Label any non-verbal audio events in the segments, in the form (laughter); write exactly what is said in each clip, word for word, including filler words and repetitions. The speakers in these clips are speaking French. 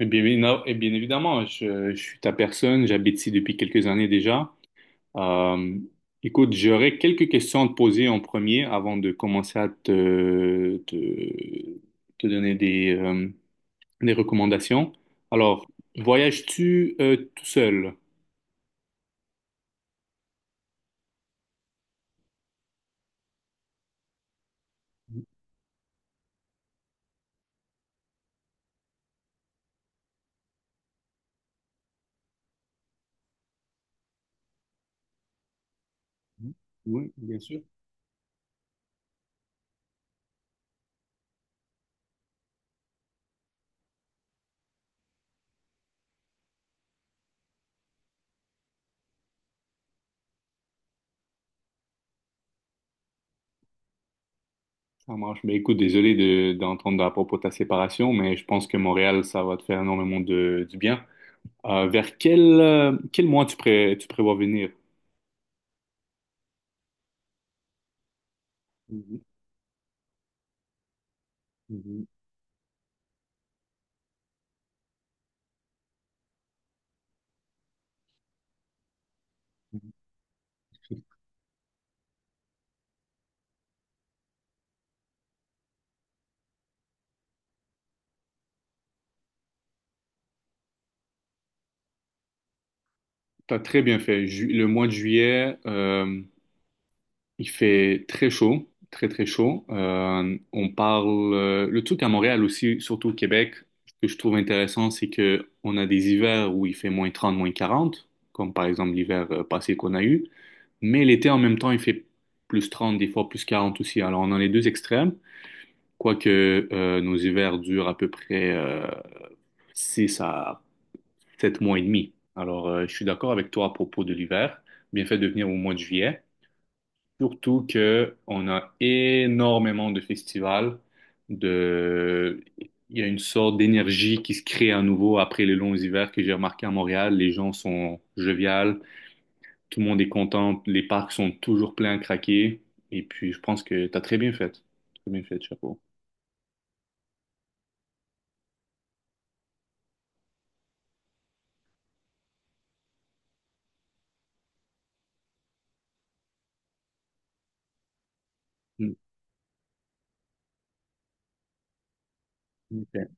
Eh bien, évi- eh bien évidemment, je, je suis ta personne, j'habite ici depuis quelques années déjà. Euh, Écoute, j'aurais quelques questions à te poser en premier avant de commencer à te, te, te donner des, euh, des recommandations. Alors, voyages-tu euh, tout seul? Mhm. Oui, bien sûr. Ça marche. Mais écoute, désolé de, d'entendre à propos de ta séparation, mais je pense que Montréal, ça va te faire énormément de, du bien. Euh, vers quel, euh, quel mois tu, pré- tu prévois venir? Mhm. Mhm. T'as très bien fait. Ju- le mois de juillet, euh, il fait très chaud, très très chaud. Euh, on parle euh, le truc à Montréal aussi, surtout au Québec, ce que je trouve intéressant, c'est que on a des hivers où il fait moins trente, moins quarante, comme par exemple l'hiver euh, passé qu'on a eu. Mais l'été en même temps, il fait plus trente des fois plus quarante aussi. Alors on a les deux extrêmes, quoique euh, nos hivers durent à peu près euh, six à sept mois et demi. Alors, euh, je suis d'accord avec toi à propos de l'hiver. Bien fait de venir au mois de juillet. Surtout que on a énormément de festivals. De... Il y a une sorte d'énergie qui se crée à nouveau après les longs hivers que j'ai remarqué à Montréal. Les gens sont joviales, tout le monde est content, les parcs sont toujours pleins à craquer. Et puis, je pense que tu as très bien fait. Très bien fait, chapeau. Mm, ok.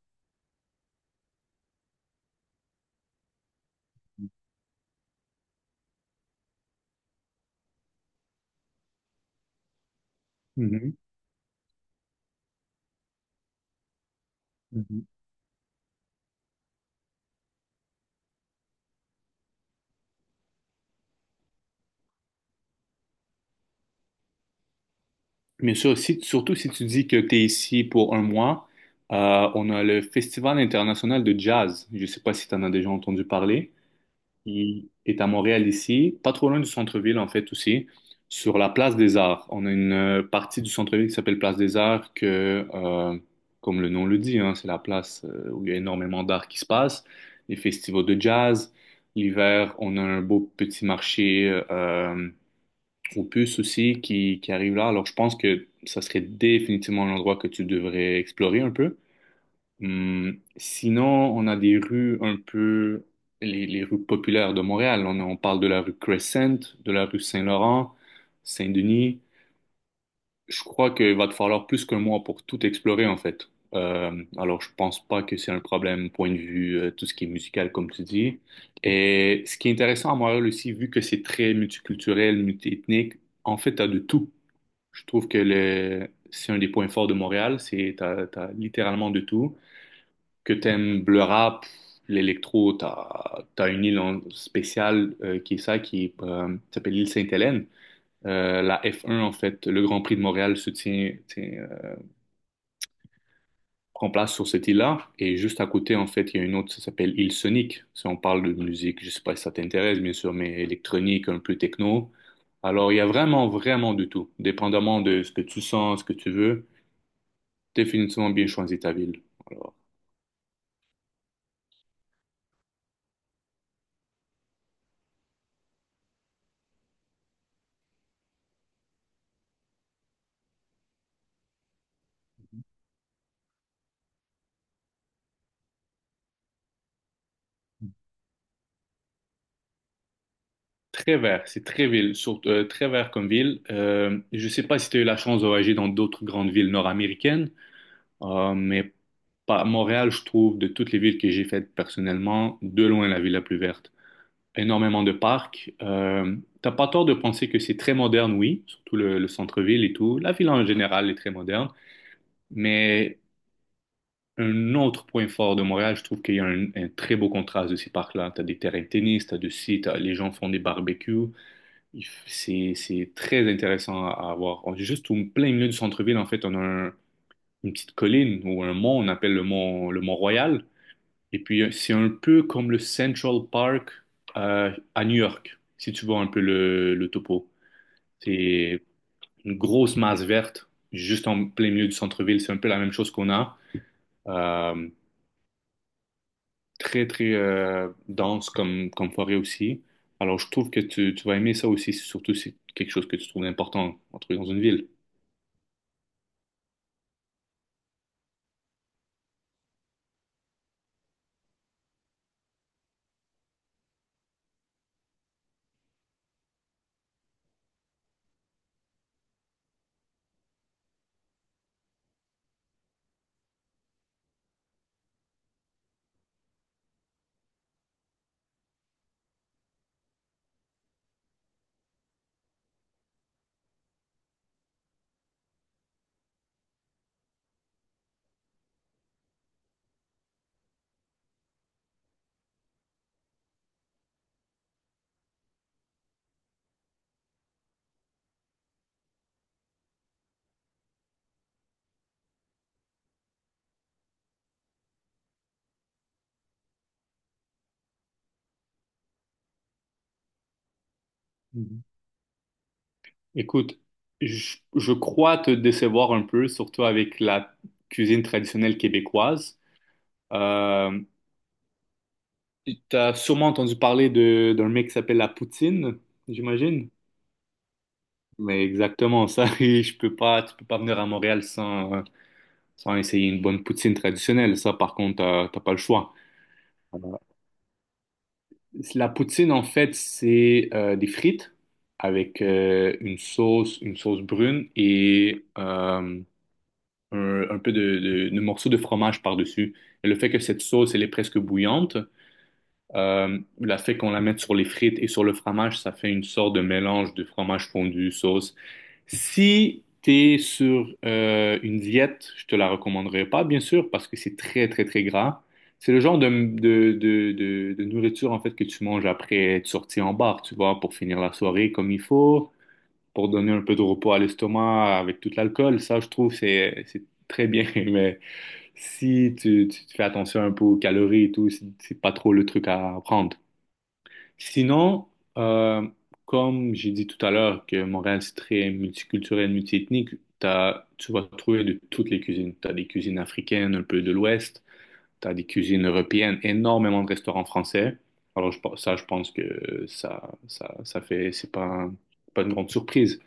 Mhm, mhm. Bien sûr, si- surtout si tu dis que tu es ici pour un mois, euh, on a le Festival international de jazz. Je ne sais pas si tu en as déjà entendu parler. Il est à Montréal ici, pas trop loin du centre-ville en fait aussi, sur la place des Arts. On a une euh, partie du centre-ville qui s'appelle Place des Arts que, euh, comme le nom le dit, hein, c'est la place euh, où il y a énormément d'art qui se passe, les festivals de jazz. L'hiver, on a un beau petit marché. Euh, au puce aussi qui, qui arrive là. Alors, je pense que ça serait définitivement un endroit que tu devrais explorer un peu. Hum, sinon, on a des rues un peu, les, les rues populaires de Montréal. On, on parle de la rue Crescent, de la rue Saint-Laurent, Saint-Denis. Je crois qu'il va te falloir plus qu'un mois pour tout explorer, en fait. Euh, alors, je pense pas que c'est un problème, point de vue, euh, tout ce qui est musical, comme tu dis. Et ce qui est intéressant à Montréal aussi, vu que c'est très multiculturel, multiethnique, en fait, tu as de tout. Je trouve que le, c'est un des points forts de Montréal, c'est t'as, t'as littéralement de tout. Que t'aimes le rap, l'électro, t'as, t'as une île en- spéciale euh, qui est ça, qui est, euh, s'appelle l'île Sainte-Hélène. Euh, la F un, en fait, le Grand Prix de Montréal se tient, tient, euh, prend place sur cette île-là. Et juste à côté, en fait, il y a une autre, ça s'appelle île Sonic. Si on parle de musique, je sais pas si ça t'intéresse, bien sûr, mais électronique, un peu techno. Alors, il y a vraiment, vraiment de tout, dépendamment de ce que tu sens, ce que tu veux. Définitivement bien choisi ta ville. Alors, très vert, c'est très ville, surtout, euh, très vert comme ville. Euh, je ne sais pas si tu as eu la chance de voyager dans d'autres grandes villes nord-américaines, euh, mais pas, Montréal, je trouve, de toutes les villes que j'ai faites personnellement, de loin la ville la plus verte. Énormément de parcs. Euh, t'as pas tort de penser que c'est très moderne, oui, surtout le, le centre-ville et tout. La ville en général est très moderne, mais un autre point fort de Montréal, je trouve qu'il y a un, un très beau contraste de ces parcs-là. Tu as des terrains de tennis, tu as du site, les gens font des barbecues. Il f- C'est, c'est très intéressant à, à voir. On est juste au plein milieu du centre-ville, en fait, on a un- une petite colline ou un mont, on appelle le mont, le mont Royal. Et puis, euh, c'est un peu comme le Central Park euh, à New York, si tu vois un peu le, le topo. C'est une grosse masse verte juste en plein milieu du centre-ville. C'est un peu la même chose qu'on a. Euh, Très, très euh, dense comme, comme forêt aussi. Alors, je trouve que tu, tu vas aimer ça aussi, surtout si c'est quelque chose que tu trouves important, en trouver dans une ville. Mhm. Écoute, je, je crois te décevoir un peu, surtout avec la cuisine traditionnelle québécoise. Euh, Tu as sûrement entendu parler de, d'un mec qui s'appelle la poutine, j'imagine. Mais exactement ça, (laughs) et je peux pas, tu peux pas venir à Montréal sans, sans essayer une bonne poutine traditionnelle. Ça, par contre, euh, t'as pas le choix. Euh, La poutine, en fait, c'est euh, des frites avec euh, une sauce, une sauce brune et euh, un, un, peu de, de, de morceaux de fromage par-dessus. Et le fait que cette sauce, elle est presque bouillante, euh, le fait qu'on la mette sur les frites et sur le fromage, ça fait une sorte de mélange de fromage fondu, sauce. Si tu es sur euh, une diète, je te la recommanderais pas, bien sûr, parce que c'est très, très, très gras. C'est le genre de, de, de, de, de nourriture, en fait, que tu manges après être sorti en bar, tu vois, pour finir la soirée comme il faut, pour donner un peu de repos à l'estomac avec tout l'alcool. Ça, je trouve, c'est, c'est très bien. (laughs) Mais si tu, tu fais attention un peu aux calories et tout, c'est c'est pas trop le truc à prendre. Sinon, euh, comme j'ai dit tout à l'heure que Montréal, c'est très multiculturel, multiethnique, t'as, tu vas trouver de toutes les cuisines. Tu as des cuisines africaines, un peu de l'Ouest, tu as des cuisines européennes, énormément de restaurants français. Alors, je pense- ça, je pense que ça, ça, ça fait, c'est pas, un- pas une grande surprise.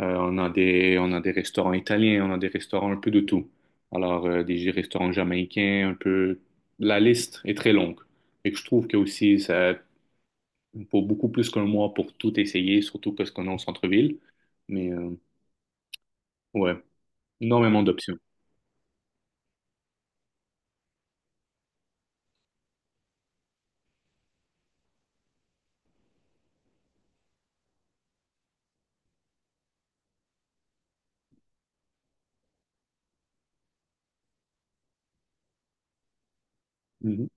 Euh, on a des, on a des restaurants italiens, on a des restaurants un peu de tout. Alors, euh, des restaurants jamaïcains, un peu, la liste est très longue. Et que je trouve que aussi, ça, pour beaucoup plus qu'un mois pour tout essayer, surtout parce qu'on est au centre-ville. Mais euh, ouais, énormément d'options. Mhm.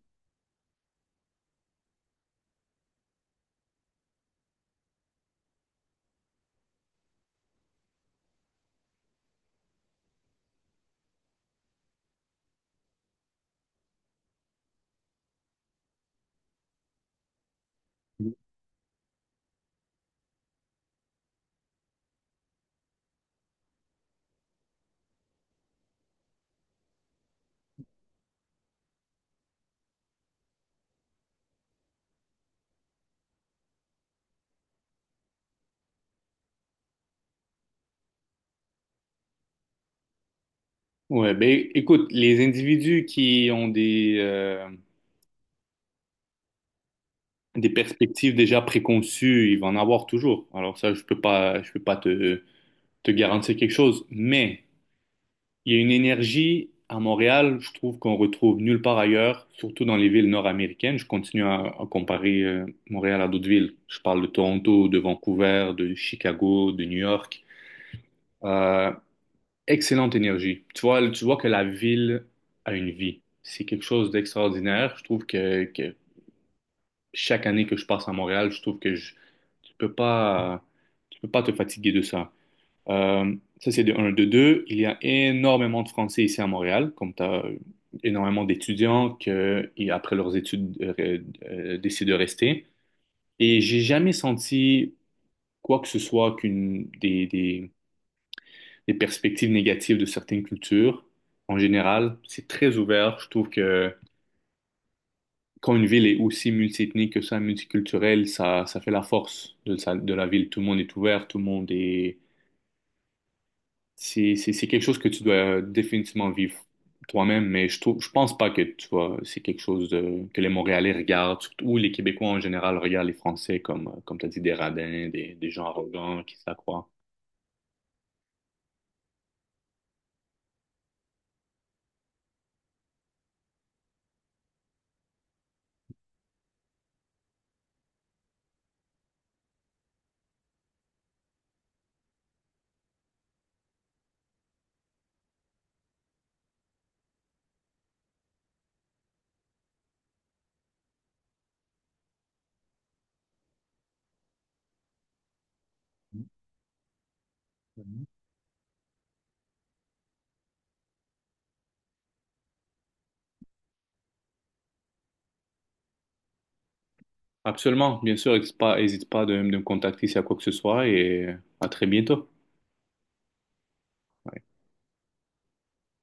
Ouais, ben écoute, les individus qui ont des, euh, des perspectives déjà préconçues, ils vont en avoir toujours. Alors ça, je peux pas, je peux pas te, te garantir quelque chose, mais il y a une énergie à Montréal, je trouve qu'on retrouve nulle part ailleurs, surtout dans les villes nord-américaines. Je continue à, à comparer euh, Montréal à d'autres villes. Je parle de Toronto, de Vancouver, de Chicago, de New York. Euh, Excellente énergie. Tu vois, tu vois que la ville a une vie. C'est quelque chose d'extraordinaire. Je trouve que, que chaque année que je passe à Montréal, je trouve que je, tu peux pas, tu peux pas te fatiguer de ça. Euh, ça, c'est de un. De deux, il y a énormément de Français ici à Montréal, comme tu as énormément d'étudiants qui, après leurs études, euh, euh, décident de rester. Et j'ai jamais senti quoi que ce soit qu'une des, des les perspectives négatives de certaines cultures. En général, c'est très ouvert. Je trouve que quand une ville est aussi multiethnique que ça, multiculturelle, ça, ça fait la force de, sa- de la ville. Tout le monde est ouvert, tout le monde est. C'est, c'est, c'est quelque chose que tu dois définitivement vivre toi-même, mais je trouve, je pense pas que tu vois, c'est quelque chose de- que les Montréalais regardent, surtout, ou les Québécois en général regardent les Français comme, euh, comme tu as dit, des radins, des, des gens arrogants qui s'accroient. Absolument, bien sûr, n'hésite pas, hésite pas de, de me contacter s'il y a quoi que ce soit et à très bientôt.